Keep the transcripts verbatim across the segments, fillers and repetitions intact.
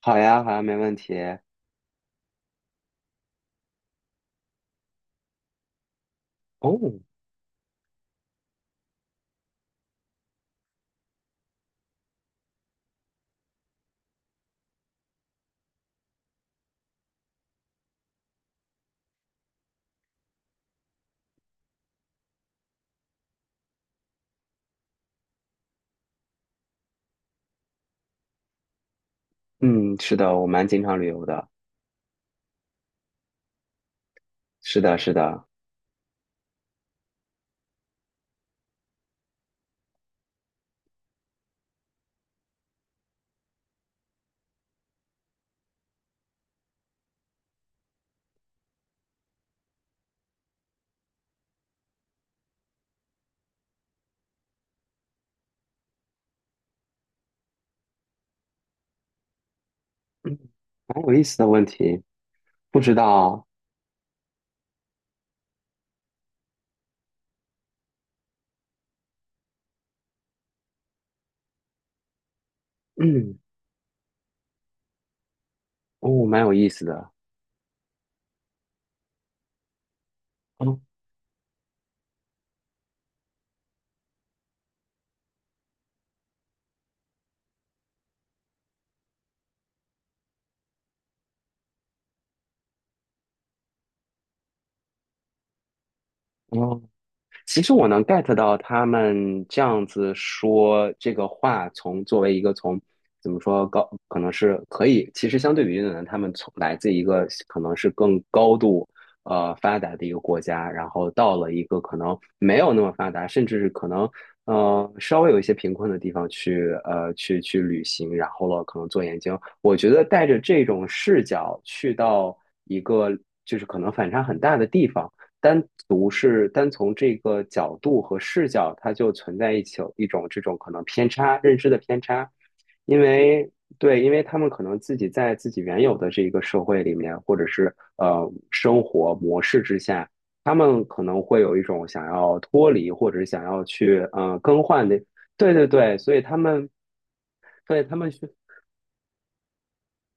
好呀，好呀，没问题。哦，嗯，是的，我蛮经常旅游的。是的，是的，嗯，蛮有意思的问题。不知道。嗯，哦，蛮有意思的。哦，哦，其实我能 get 到他们这样子说这个话从，作为一个从怎么说高，可能是可以，其实相对于越南，他们从来自一个可能是更高度呃发达的一个国家，然后到了一个可能没有那么发达，甚至是可能呃稍微有一些贫困的地方去呃去去旅行，然后了可能做研究。我觉得带着这种视角去到一个就是可能反差很大的地方。单独是单从这个角度和视角，它就存在一起有一种这种可能偏差，认知的偏差。因为对，因为他们可能自己在自己原有的这个社会里面，或者是呃生活模式之下，他们可能会有一种想要脱离，或者是想要去嗯呃更换的。对对对，所以他们对他们去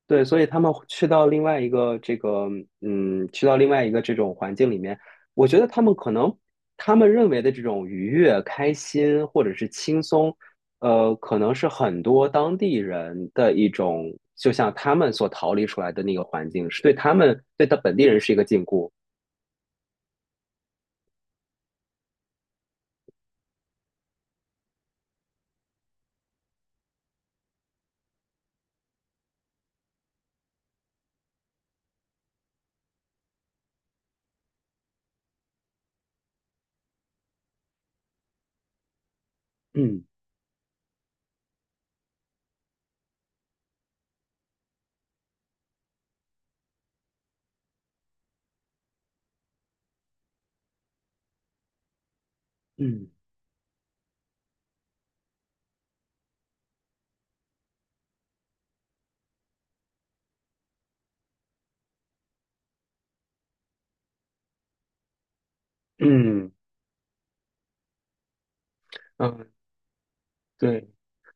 对，所以他们去到另外一个这个，嗯，去到另外一个这种环境里面，我觉得他们可能他们认为的这种愉悦、开心或者是轻松，呃，可能是很多当地人的一种，就像他们所逃离出来的那个环境，是对他们对他本地人是一个禁锢。嗯嗯嗯嗯，对。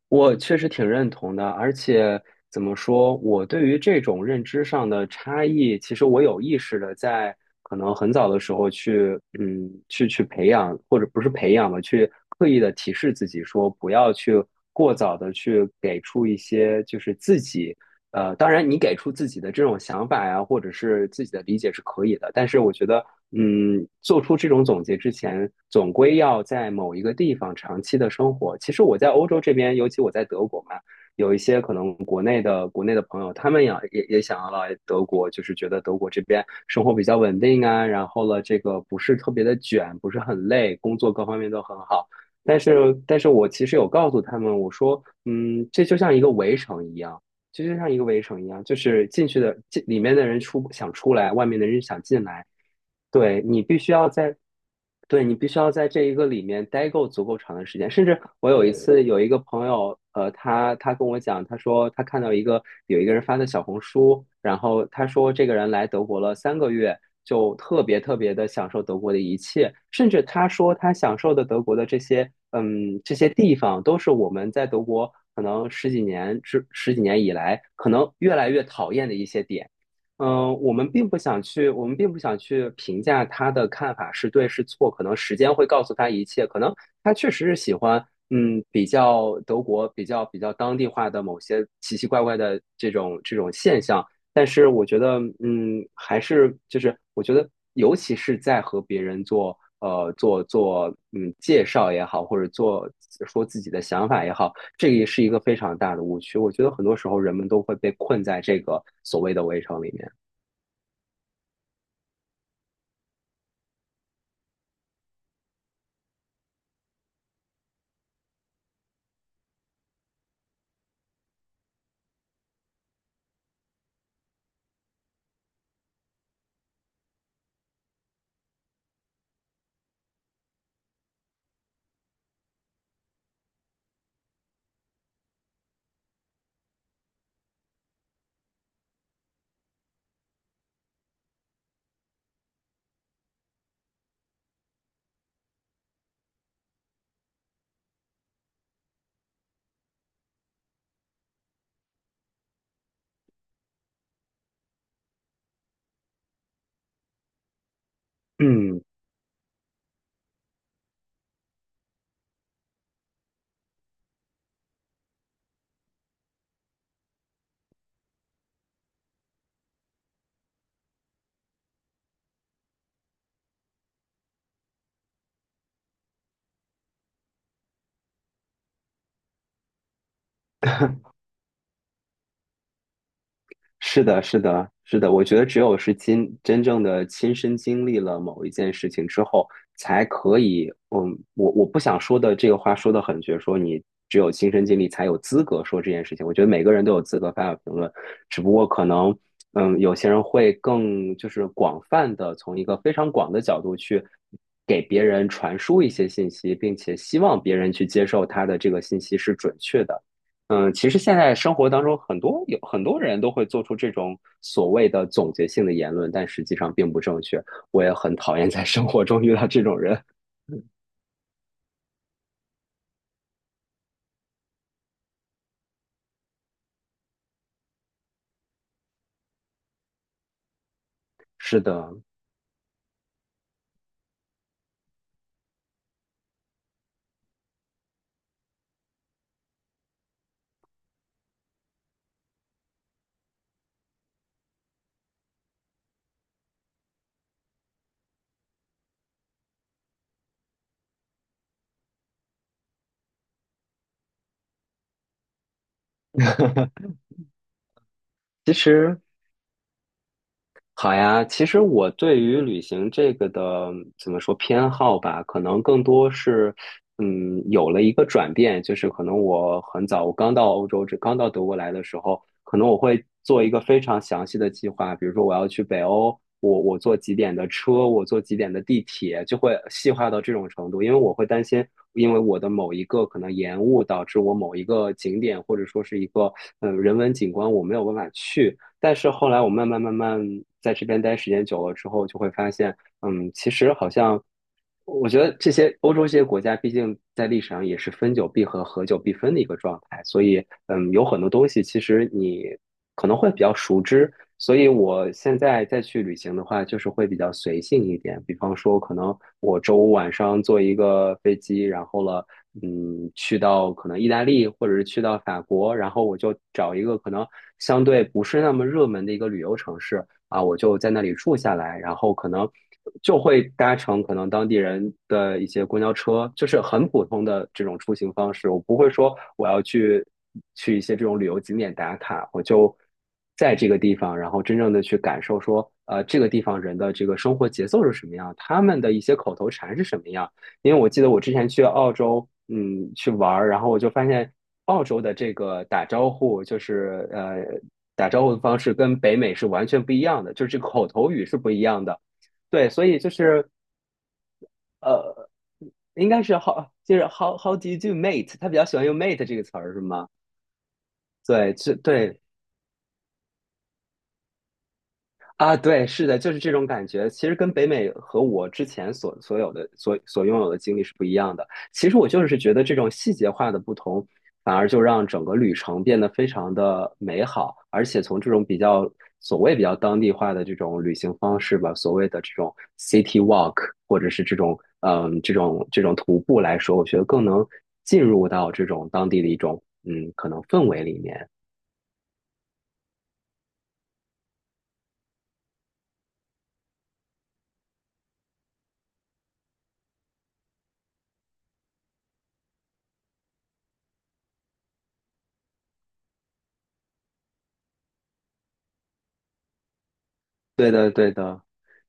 我确实挺认同的。而且怎么说，我对于这种认知上的差异，其实我有意识的在可能很早的时候去，嗯，去去培养，或者不是培养吧，去刻意的提示自己说，不要去过早的去给出一些就是自己呃，当然你给出自己的这种想法呀，或者是自己的理解是可以的。但是我觉得，嗯，做出这种总结之前，总归要在某一个地方长期的生活。其实我在欧洲这边，尤其我在德国嘛，有一些可能国内的国内的朋友，他们也也也想要来德国，就是觉得德国这边生活比较稳定啊，然后了这个不是特别的卷，不是很累，工作各方面都很好。但是，但是我其实有告诉他们，我说，嗯，这就像一个围城一样。就就像一个围城一样，就是进去的进里面的人出想出来，外面的人想进来。对你必须要在，对你必须要在这一个里面待够足够长的时间。甚至我有一次有一个朋友，呃，他他跟我讲，他说他看到一个有一个人发的小红书，然后他说这个人来德国了三个月，就特别特别的享受德国的一切。甚至他说他享受的德国的这些，嗯，这些地方都是我们在德国可能十几年之十几年以来可能越来越讨厌的一些点。嗯，呃我们并不想去，我们并不想去评价他的看法是对是错，可能时间会告诉他一切。可能他确实是喜欢，嗯，比较德国比较比较当地化的某些奇奇怪怪的这种这种现象。但是我觉得，嗯，还是就是我觉得，尤其是在和别人做呃做做嗯介绍也好，或者做说自己的想法也好，这个也是一个非常大的误区。我觉得很多时候人们都会被困在这个所谓的围城里面。嗯，是的，是的，是的，我觉得只有是亲真正的亲身经历了某一件事情之后才可以。嗯，我我不想说的这个话说的很绝，说你只有亲身经历才有资格说这件事情。我觉得每个人都有资格发表评论，只不过可能，嗯，有些人会更就是广泛的从一个非常广的角度去给别人传输一些信息，并且希望别人去接受他的这个信息是准确的。嗯，其实现在生活当中，很多有很多人都会做出这种所谓的总结性的言论，但实际上并不正确。我也很讨厌在生活中遇到这种人。是的。其实，好呀，其实我对于旅行这个的怎么说偏好吧，可能更多是，嗯，有了一个转变。就是可能我很早，我刚到欧洲，这刚到德国来的时候，可能我会做一个非常详细的计划。比如说我要去北欧，我我坐几点的车，我坐几点的地铁，就会细化到这种程度，因为我会担心，因为我的某一个可能延误导致我某一个景点或者说是一个呃人文景观我没有办法去。但是后来我慢慢慢慢在这边待时间久了之后，就会发现，嗯，其实好像我觉得这些欧洲这些国家，毕竟在历史上也是分久必合，合久必分的一个状态，所以嗯，有很多东西其实你可能会比较熟知，所以我现在再去旅行的话，就是会比较随性一点。比方说，可能我周五晚上坐一个飞机，然后了，嗯，去到可能意大利或者是去到法国，然后我就找一个可能相对不是那么热门的一个旅游城市，啊，我就在那里住下来，然后可能就会搭乘可能当地人的一些公交车，就是很普通的这种出行方式。我不会说我要去去一些这种旅游景点打卡，我就在这个地方，然后真正的去感受说，呃，这个地方人的这个生活节奏是什么样，他们的一些口头禅是什么样。因为我记得我之前去澳洲，嗯，去玩儿，然后我就发现澳洲的这个打招呼，就是呃，打招呼的方式跟北美是完全不一样的，就是这个口头语是不一样的。对，所以就是呃，应该是 how 就是 how how do you do mate，他比较喜欢用 mate 这个词儿是吗？对，这对啊，对，是的，就是这种感觉。其实跟北美和我之前所所有的所所拥有的经历是不一样的。其实我就是觉得这种细节化的不同，反而就让整个旅程变得非常的美好。而且从这种比较所谓比较当地化的这种旅行方式吧，所谓的这种 city walk，或者是这种嗯这种这种徒步来说，我觉得更能进入到这种当地的一种嗯可能氛围里面。对的，对的，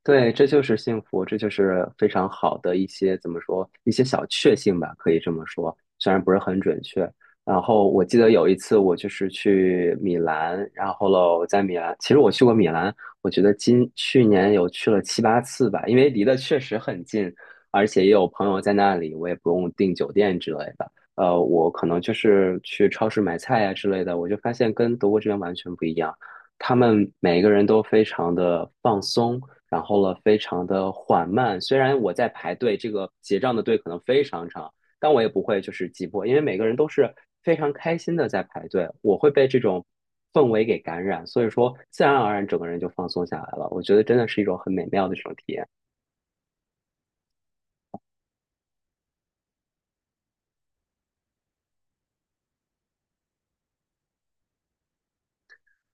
对，这就是幸福，这就是非常好的一些怎么说，一些小确幸吧，可以这么说，虽然不是很准确。然后我记得有一次我就是去米兰，然后喽，我在米兰，其实我去过米兰，我觉得今去年有去了七八次吧，因为离得确实很近，而且也有朋友在那里，我也不用订酒店之类的。呃，我可能就是去超市买菜呀、之类的，我就发现跟德国这边完全不一样。他们每个人都非常的放松，然后了非常的缓慢。虽然我在排队，这个结账的队可能非常长，但我也不会就是急迫，因为每个人都是非常开心的在排队。我会被这种氛围给感染，所以说自然而然整个人就放松下来了。我觉得真的是一种很美妙的这种体验。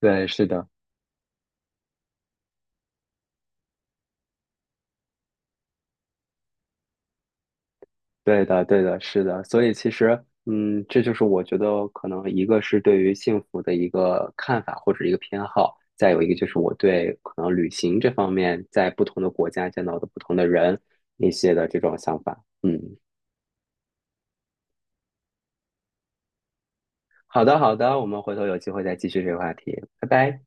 对，是的。对的，对的，是的，所以其实，嗯，这就是我觉得可能一个是对于幸福的一个看法或者一个偏好，再有一个就是我对可能旅行这方面在不同的国家见到的不同的人一些的这种想法。嗯，好的，好的，我们回头有机会再继续这个话题，拜拜。